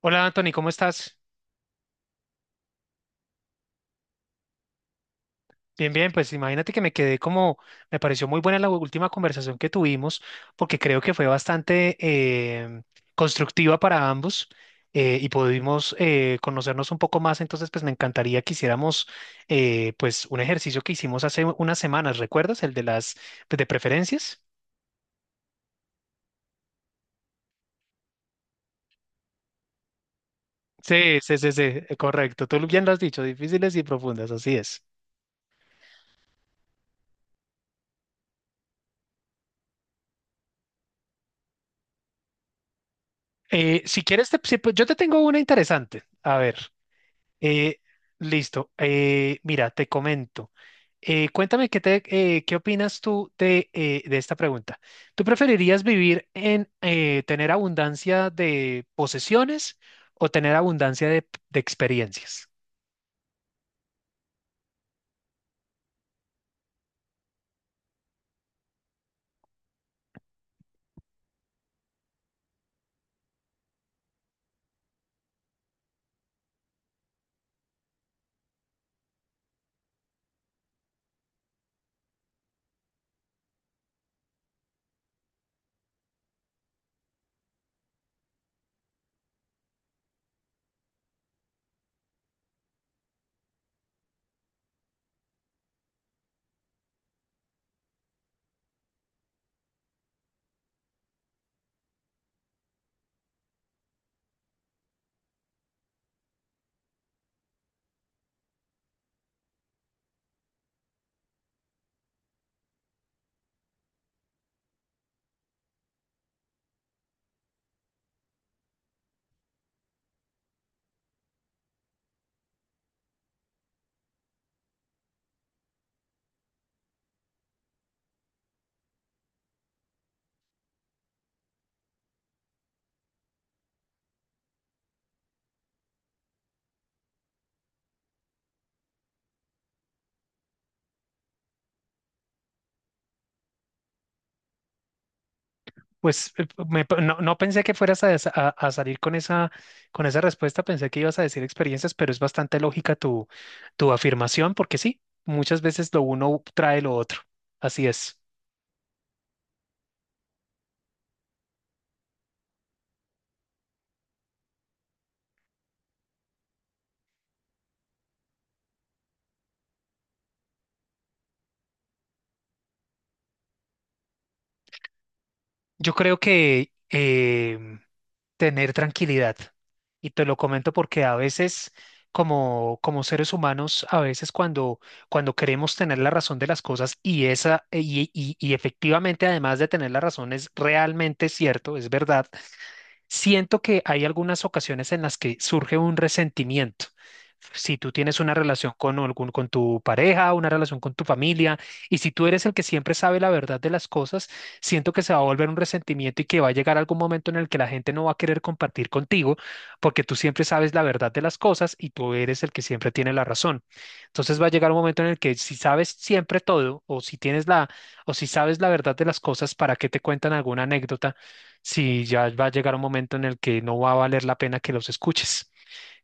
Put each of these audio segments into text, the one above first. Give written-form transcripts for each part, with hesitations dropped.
Hola Anthony, ¿cómo estás? Bien, bien, pues imagínate que me quedé como, me pareció muy buena la última conversación que tuvimos, porque creo que fue bastante em, constructiva para ambos. Y pudimos conocernos un poco más, entonces pues me encantaría que hiciéramos pues un ejercicio que hicimos hace unas semanas, ¿recuerdas? El de las pues, de preferencias. Sí, sí, sí, sí, correcto, tú bien lo has dicho, difíciles y profundas, así es. Si quieres, pues, yo te tengo una interesante, a ver. Eh, Listo. Mira, te comento. Cuéntame qué te, qué opinas tú de esta pregunta. ¿Tú preferirías vivir en tener abundancia de posesiones o tener abundancia de experiencias? Pues no, no pensé que fueras a, a salir con esa respuesta, pensé que ibas a decir experiencias, pero es bastante lógica tu, tu afirmación, porque sí, muchas veces lo uno trae lo otro. Así es. Yo creo que tener tranquilidad, y te lo comento porque a veces, como, como seres humanos, a veces cuando, cuando queremos tener la razón de las cosas y esa, y, y efectivamente, además de tener la razón, es realmente cierto, es verdad. Siento que hay algunas ocasiones en las que surge un resentimiento. Si tú tienes una relación con algún, con tu pareja, una relación con tu familia, y si tú eres el que siempre sabe la verdad de las cosas, siento que se va a volver un resentimiento y que va a llegar algún momento en el que la gente no va a querer compartir contigo porque tú siempre sabes la verdad de las cosas y tú eres el que siempre tiene la razón. Entonces va a llegar un momento en el que si sabes siempre todo o si tienes la o si sabes la verdad de las cosas, ¿para qué te cuentan alguna anécdota? Si ya va a llegar un momento en el que no va a valer la pena que los escuches.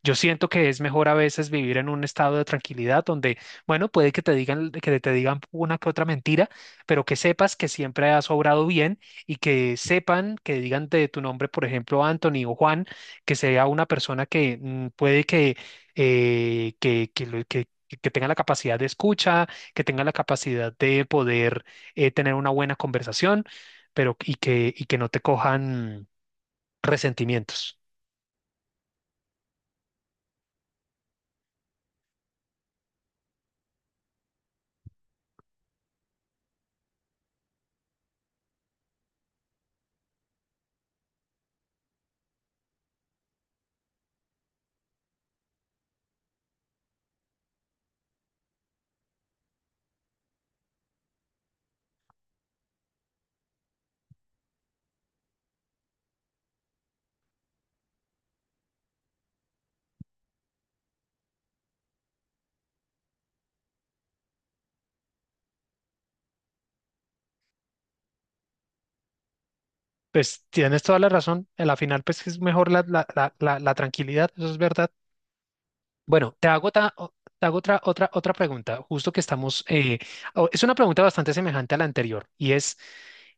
Yo siento que es mejor a veces vivir en un estado de tranquilidad donde, bueno, puede que te digan una que otra mentira, pero que sepas que siempre has obrado bien y que sepan, que digan de tu nombre, por ejemplo, Anthony o Juan, que sea una persona que puede que, que tenga la capacidad de escucha, que tenga la capacidad de poder tener una buena conversación, pero y que no te cojan resentimientos. Pues tienes toda la razón. En la final, pues es mejor la, la, la, la, la tranquilidad, eso es verdad. Bueno, te hago otra, otra, otra pregunta, justo que estamos. Es una pregunta bastante semejante a la anterior, y es,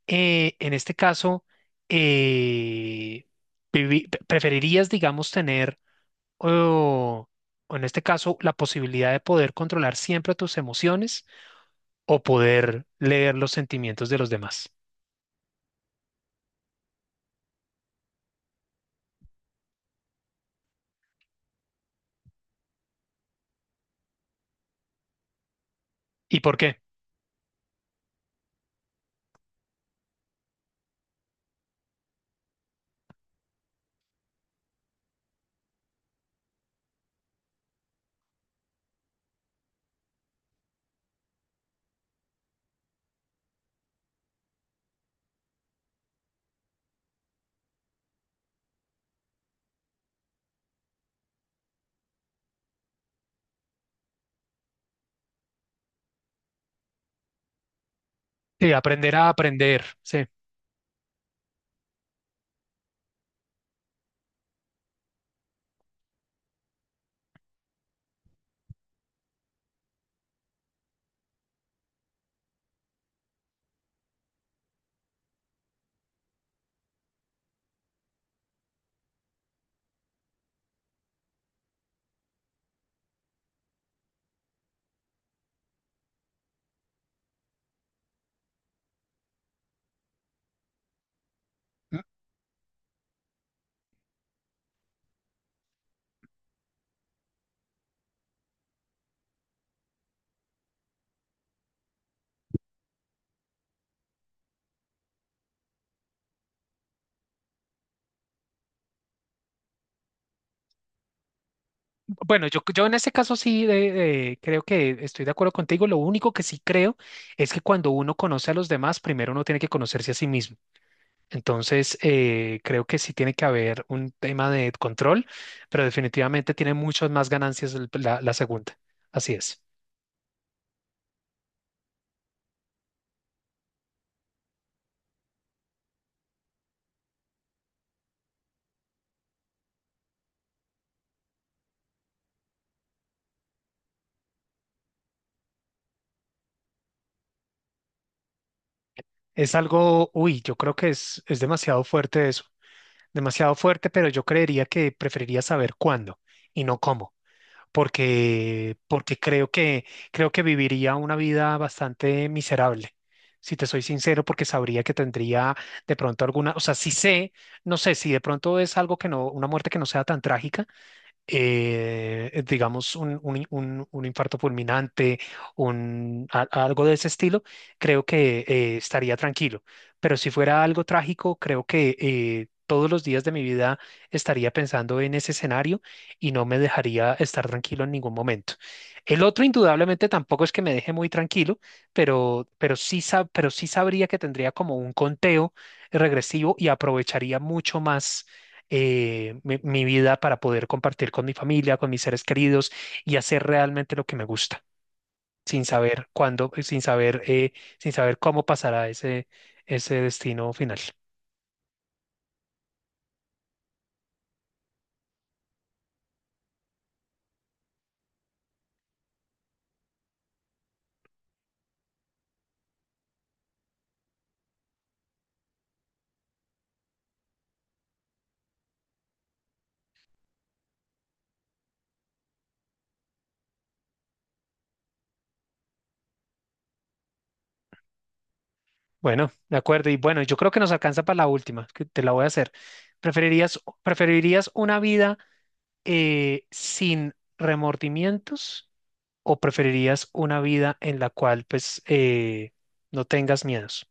en este caso, eh, ¿preferirías, digamos, tener, o o en este caso, la posibilidad de poder controlar siempre tus emociones o poder leer los sentimientos de los demás? ¿Y por qué? Sí, aprender a aprender, sí. Bueno, yo en este caso sí creo que estoy de acuerdo contigo. Lo único que sí creo es que cuando uno conoce a los demás, primero uno tiene que conocerse a sí mismo. Entonces, creo que sí tiene que haber un tema de control, pero definitivamente tiene muchas más ganancias la, la segunda. Así es. Es algo, uy, yo creo que es demasiado fuerte eso, demasiado fuerte, pero yo creería que preferiría saber cuándo y no cómo. Porque, porque creo que viviría una vida bastante miserable. Si te soy sincero, porque sabría que tendría de pronto alguna, o sea, si sé, no sé, si de pronto es algo que no, una muerte que no sea tan trágica, digamos, un, un infarto fulminante, un, algo de ese estilo, creo que estaría tranquilo. Pero si fuera algo trágico, creo que todos los días de mi vida estaría pensando en ese escenario y no me dejaría estar tranquilo en ningún momento. El otro, indudablemente, tampoco es que me deje muy tranquilo, pero sí, pero sí sabría que tendría como un conteo regresivo y aprovecharía mucho más mi, mi vida para poder compartir con mi familia, con mis seres queridos y hacer realmente lo que me gusta, sin saber cuándo, sin saber, sin saber cómo pasará ese, ese destino final. Bueno, de acuerdo. Y bueno, yo creo que nos alcanza para la última, que te la voy a hacer. ¿Preferirías, preferirías una vida sin remordimientos o preferirías una vida en la cual pues no tengas miedos?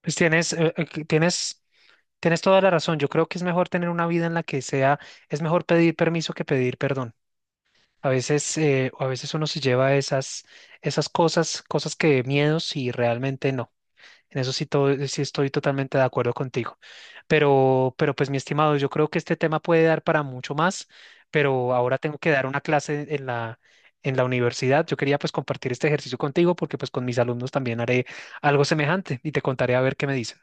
Pues tienes, que tienes Tienes toda la razón. Yo creo que es mejor tener una vida en la que sea, es mejor pedir permiso que pedir perdón. A veces, o a veces uno se lleva esas, esas cosas, cosas que miedos y realmente no. En eso sí, todo, sí estoy totalmente de acuerdo contigo. Pero pues mi estimado, yo creo que este tema puede dar para mucho más, pero ahora tengo que dar una clase en la universidad. Yo quería pues compartir este ejercicio contigo porque pues con mis alumnos también haré algo semejante y te contaré a ver qué me dicen.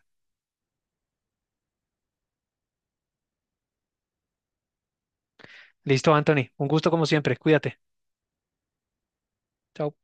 Listo, Anthony. Un gusto como siempre. Cuídate. Chao.